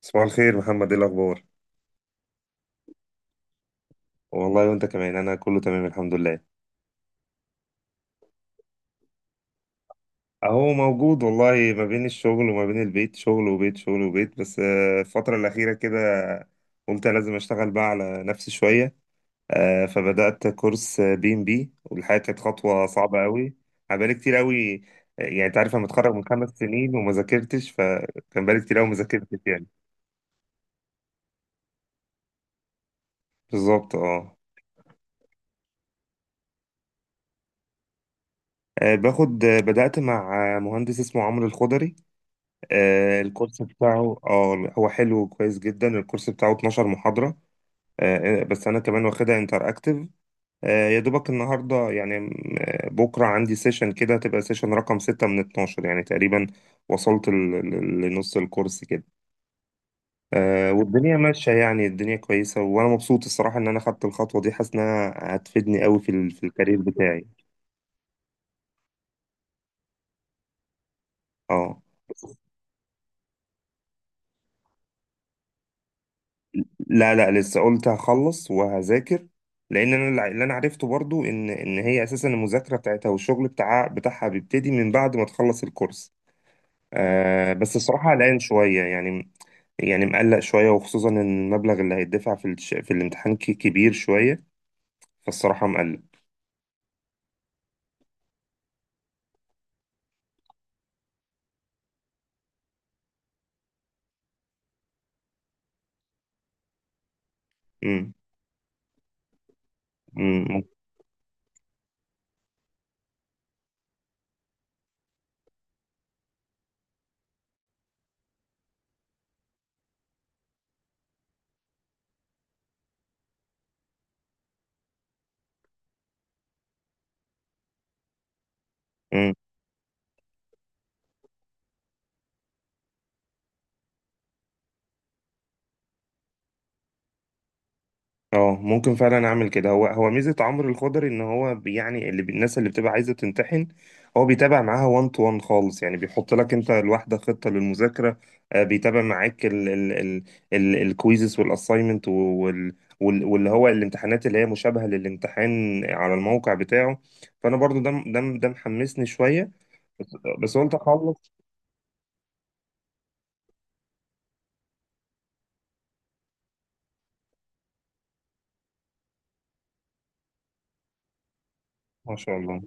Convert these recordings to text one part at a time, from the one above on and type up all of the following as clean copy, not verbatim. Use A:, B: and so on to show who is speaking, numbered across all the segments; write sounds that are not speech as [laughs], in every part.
A: صباح الخير محمد، ايه الاخبار؟ والله وانت كمان، انا كله تمام الحمد لله. اهو موجود والله، ما بين الشغل وما بين البيت، شغل وبيت شغل وبيت، بس الفترة الأخيرة كده قلت لازم اشتغل بقى على نفسي شوية. فبدأت كورس بي ام بي، والحقيقة كانت خطوة صعبة قوي. انا بقالي كتير قوي. يعني انت عارف، انا متخرج من 5 سنين وما ذاكرتش، فكان بقالي كتير قوي ما ذاكرتش يعني. بالظبط اه. آه، باخد آه، بدأت مع مهندس اسمه عمرو الخضري. الكورس بتاعه هو حلو وكويس جدا، الكورس بتاعه 12 محاضرة. بس انا كمان واخدها انتراكتيف. يا دوبك النهارده يعني بكره عندي سيشن كده، تبقى سيشن رقم 6 من 12 يعني تقريبا، وصلت لنص الكورس كده. والدنيا ماشيه يعني، الدنيا كويسه وانا مبسوط الصراحه ان انا خدت الخطوه دي، حاسس انها هتفيدني قوي في الكارير بتاعي. اه. لا لا، لسه، قلت هخلص وهذاكر. لان انا اللي انا عرفته برضو ان ان هي اساسا المذاكره بتاعتها، والشغل بتاعها بيبتدي من بعد ما تخلص الكورس. آه بس الصراحه قلقان شويه يعني، يعني مقلق شويه، وخصوصا ان المبلغ اللي هيدفع في الامتحان كبير شويه، فالصراحه مقلق. امم. اه، ممكن فعلا اعمل كده. هو ميزه عمرو الخضري ان هو الناس اللي بتبقى عايزه تمتحن هو بيتابع معاها 1 تو 1 خالص يعني، بيحط لك انت الواحده خطه للمذاكره. بيتابع معاك ال ال ال ال الكويزز والاساينمنت واللي هو الامتحانات اللي هي مشابهه للامتحان على الموقع بتاعه، فانا برضو ده محمسني شويه، بس قلت اخلص. ما شاء الله.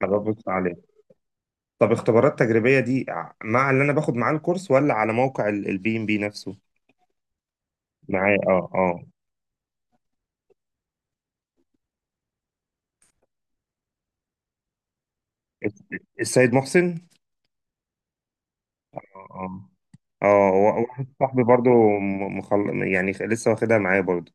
A: برافو عليك. طب اختبارات تجريبيه دي مع اللي انا باخد معاه الكورس، ولا على موقع البي ام بي نفسه؟ معايا، اه اه. الس- السيد محسن. اه اه. واحد صاحبي برضو، يعني لسه واخدها معايا برضو.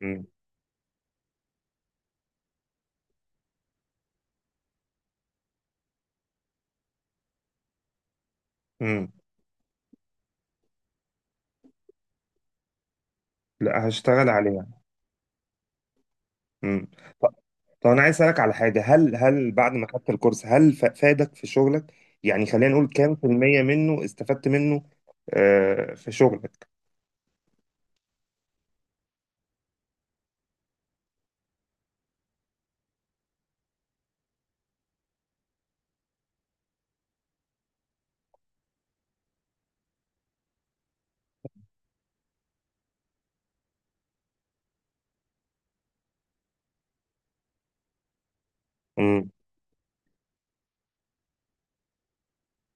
A: مم. مم. لا هشتغل عليها. مم. ط- طب انا عايز اسالك على حاجه، هل بعد ما خدت الكورس هل فادك في شغلك؟ يعني خلينا نقول كام في المية منه استفدت منه؟ آه في شغلك. مم.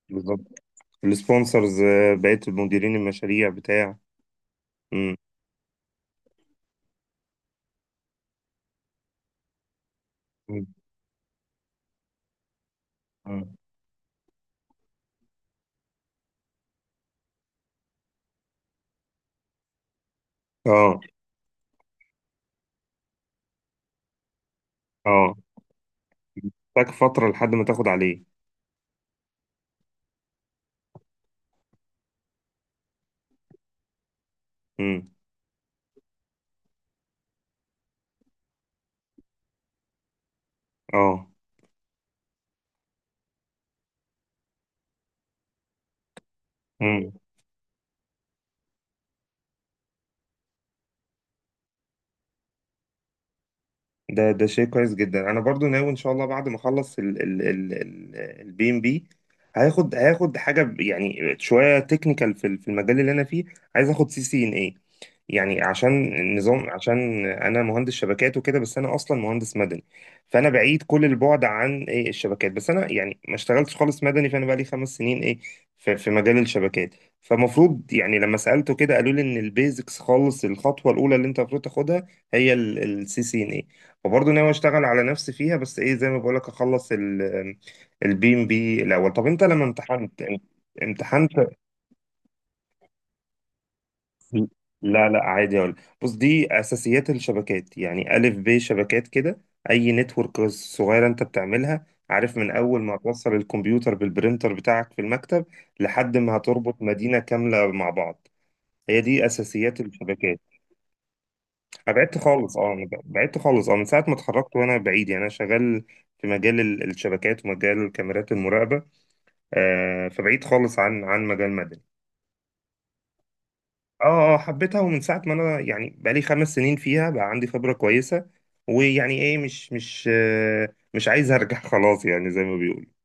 A: بالظبط. السبونسرز، بقيت مديرين المشاريع بتاع. مم. مم. مم. اه اه، تاك فتره لحد ما تاخد عليه. اه. مم. ده شيء كويس جدا، انا برضو ناوي ان شاء الله بعد ما اخلص ال ال ال ال البي ام بي، هاخد حاجه يعني شويه تكنيكال في المجال اللي انا فيه، عايز اخد سي سي ان اي، يعني عشان النظام، عشان انا مهندس شبكات وكده، بس انا اصلا مهندس مدني، فانا بعيد كل البعد عن ايه الشبكات، بس انا يعني ما اشتغلتش خالص مدني، فانا بقى لي 5 سنين ايه في, في مجال الشبكات. فمفروض يعني لما سالته كده قالوا لي ان البيزكس خالص الخطوه الاولى اللي انت المفروض تاخدها هي السي سي ان، وبرضه ناوي اشتغل على نفسي فيها، بس ايه زي ما بقولك اخلص البي ام بي الاول. طب انت لما امتحنت؟ لا لا، عادي اقول. بص، دي اساسيات الشبكات، يعني الف ب شبكات كده، اي نتورك صغيره انت بتعملها، عارف، من اول ما توصل الكمبيوتر بالبرينتر بتاعك في المكتب لحد ما هتربط مدينه كامله مع بعض. هي دي اساسيات الشبكات. أنا بعدت خالص اه، أنا بعدت خالص من ساعة ما اتخرجت وانا بعيد، يعني انا شغال الشبكات ومجال كاميرات المراقبة، آه فبعيد خالص عن مجال مدني. اه اه، حبيتها، ومن ساعة ما انا يعني بقالي 5 سنين فيها بقى عندي خبرة كويسة، ويعني ايه، مش عايز ارجع [laughs] خلاص يعني زي ما بيقولوا.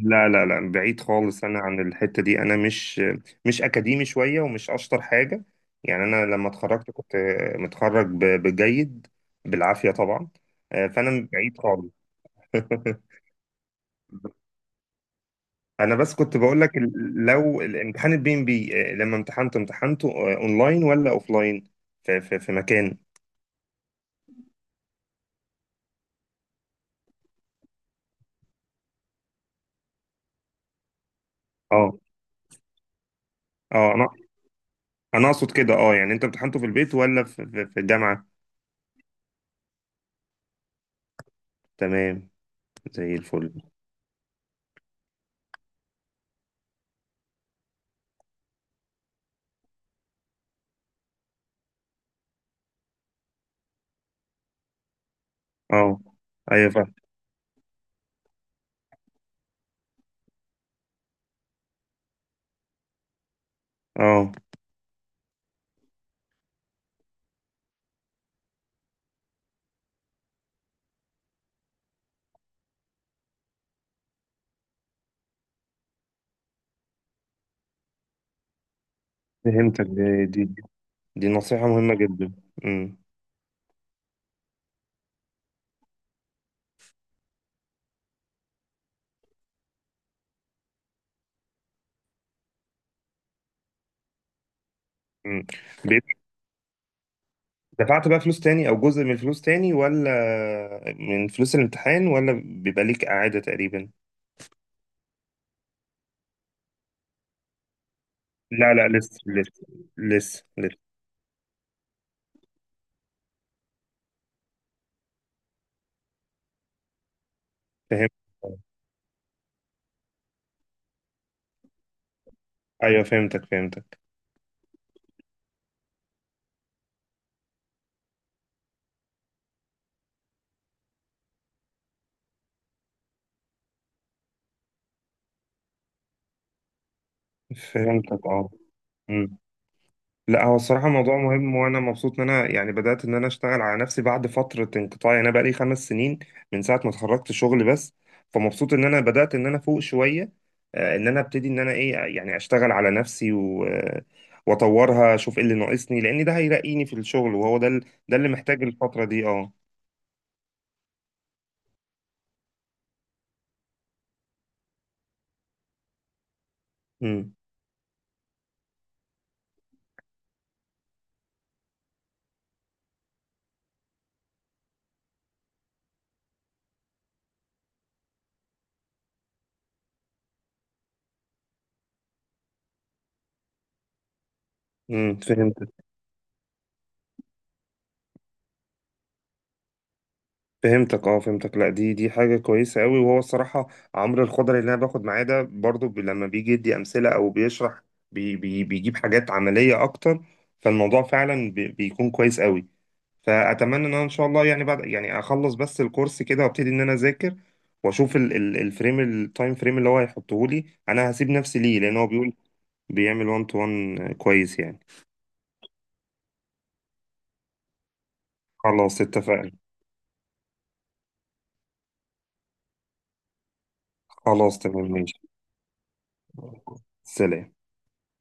A: لا لا لا، بعيد خالص انا عن الحته دي، انا مش اكاديمي شويه ومش اشطر حاجه، يعني انا لما اتخرجت كنت متخرج بجيد، بالعافيه طبعا. فانا بعيد خالص. [laughs] انا بس كنت بقول لك، لو الامتحان البي ام بي لما امتحنت، امتحنته اونلاين ولا اوفلاين في مكان؟ اه اه، انا اقصد كده يعني انت امتحنته في البيت ولا في الجامعه؟ تمام. زي الفل. اه ايوه فاهم. اه، فهمتك، دي نصيحة مهمة جدا. امم. امم. بيبقى- دفعت بقى فلوس تاني او جزء من الفلوس تاني، ولا من فلوس الامتحان، ولا بيبقى ليك اعادة تقريبا؟ لا لا، لسه لسه، لسه لسه. فهمت، ايوه فهمتك فهمتك. فهمتك اه. لا هو الصراحة موضوع مهم، وأنا مبسوط إن أنا يعني بدأت إن أنا أشتغل على نفسي بعد فترة انقطاع، يعني أنا بقالي 5 سنين من ساعة ما اتخرجت شغل بس، فمبسوط إن أنا بدأت إن أنا فوق شوية، إن أنا أبتدي إن أنا إيه يعني أشتغل على نفسي و... آه، وأطورها أشوف إيه اللي ناقصني، لأن ده هيرقيني في الشغل، وهو ده ده اللي محتاج الفترة دي أه. امم. امم. فهمت، فهمتك اه فهمتك. لا دي حاجه كويسه قوي، وهو الصراحه عمرو الخضري اللي انا باخد معاه ده، برضو لما بيجي يدي امثله او بيشرح بي بي بيجيب حاجات عمليه اكتر، فالموضوع فعلا بيكون كويس قوي، فاتمنى ان انا ان شاء الله يعني بعد يعني اخلص بس الكورس كده وابتدي ان انا اذاكر، واشوف ال- ال- الفريم التايم فريم اللي هو هيحطه لي، انا هسيب نفسي ليه لان هو بيقول بيعمل 1 تو 1 كويس يعني. خلاص اتفقنا. خلاص تمام ماشي. سلام.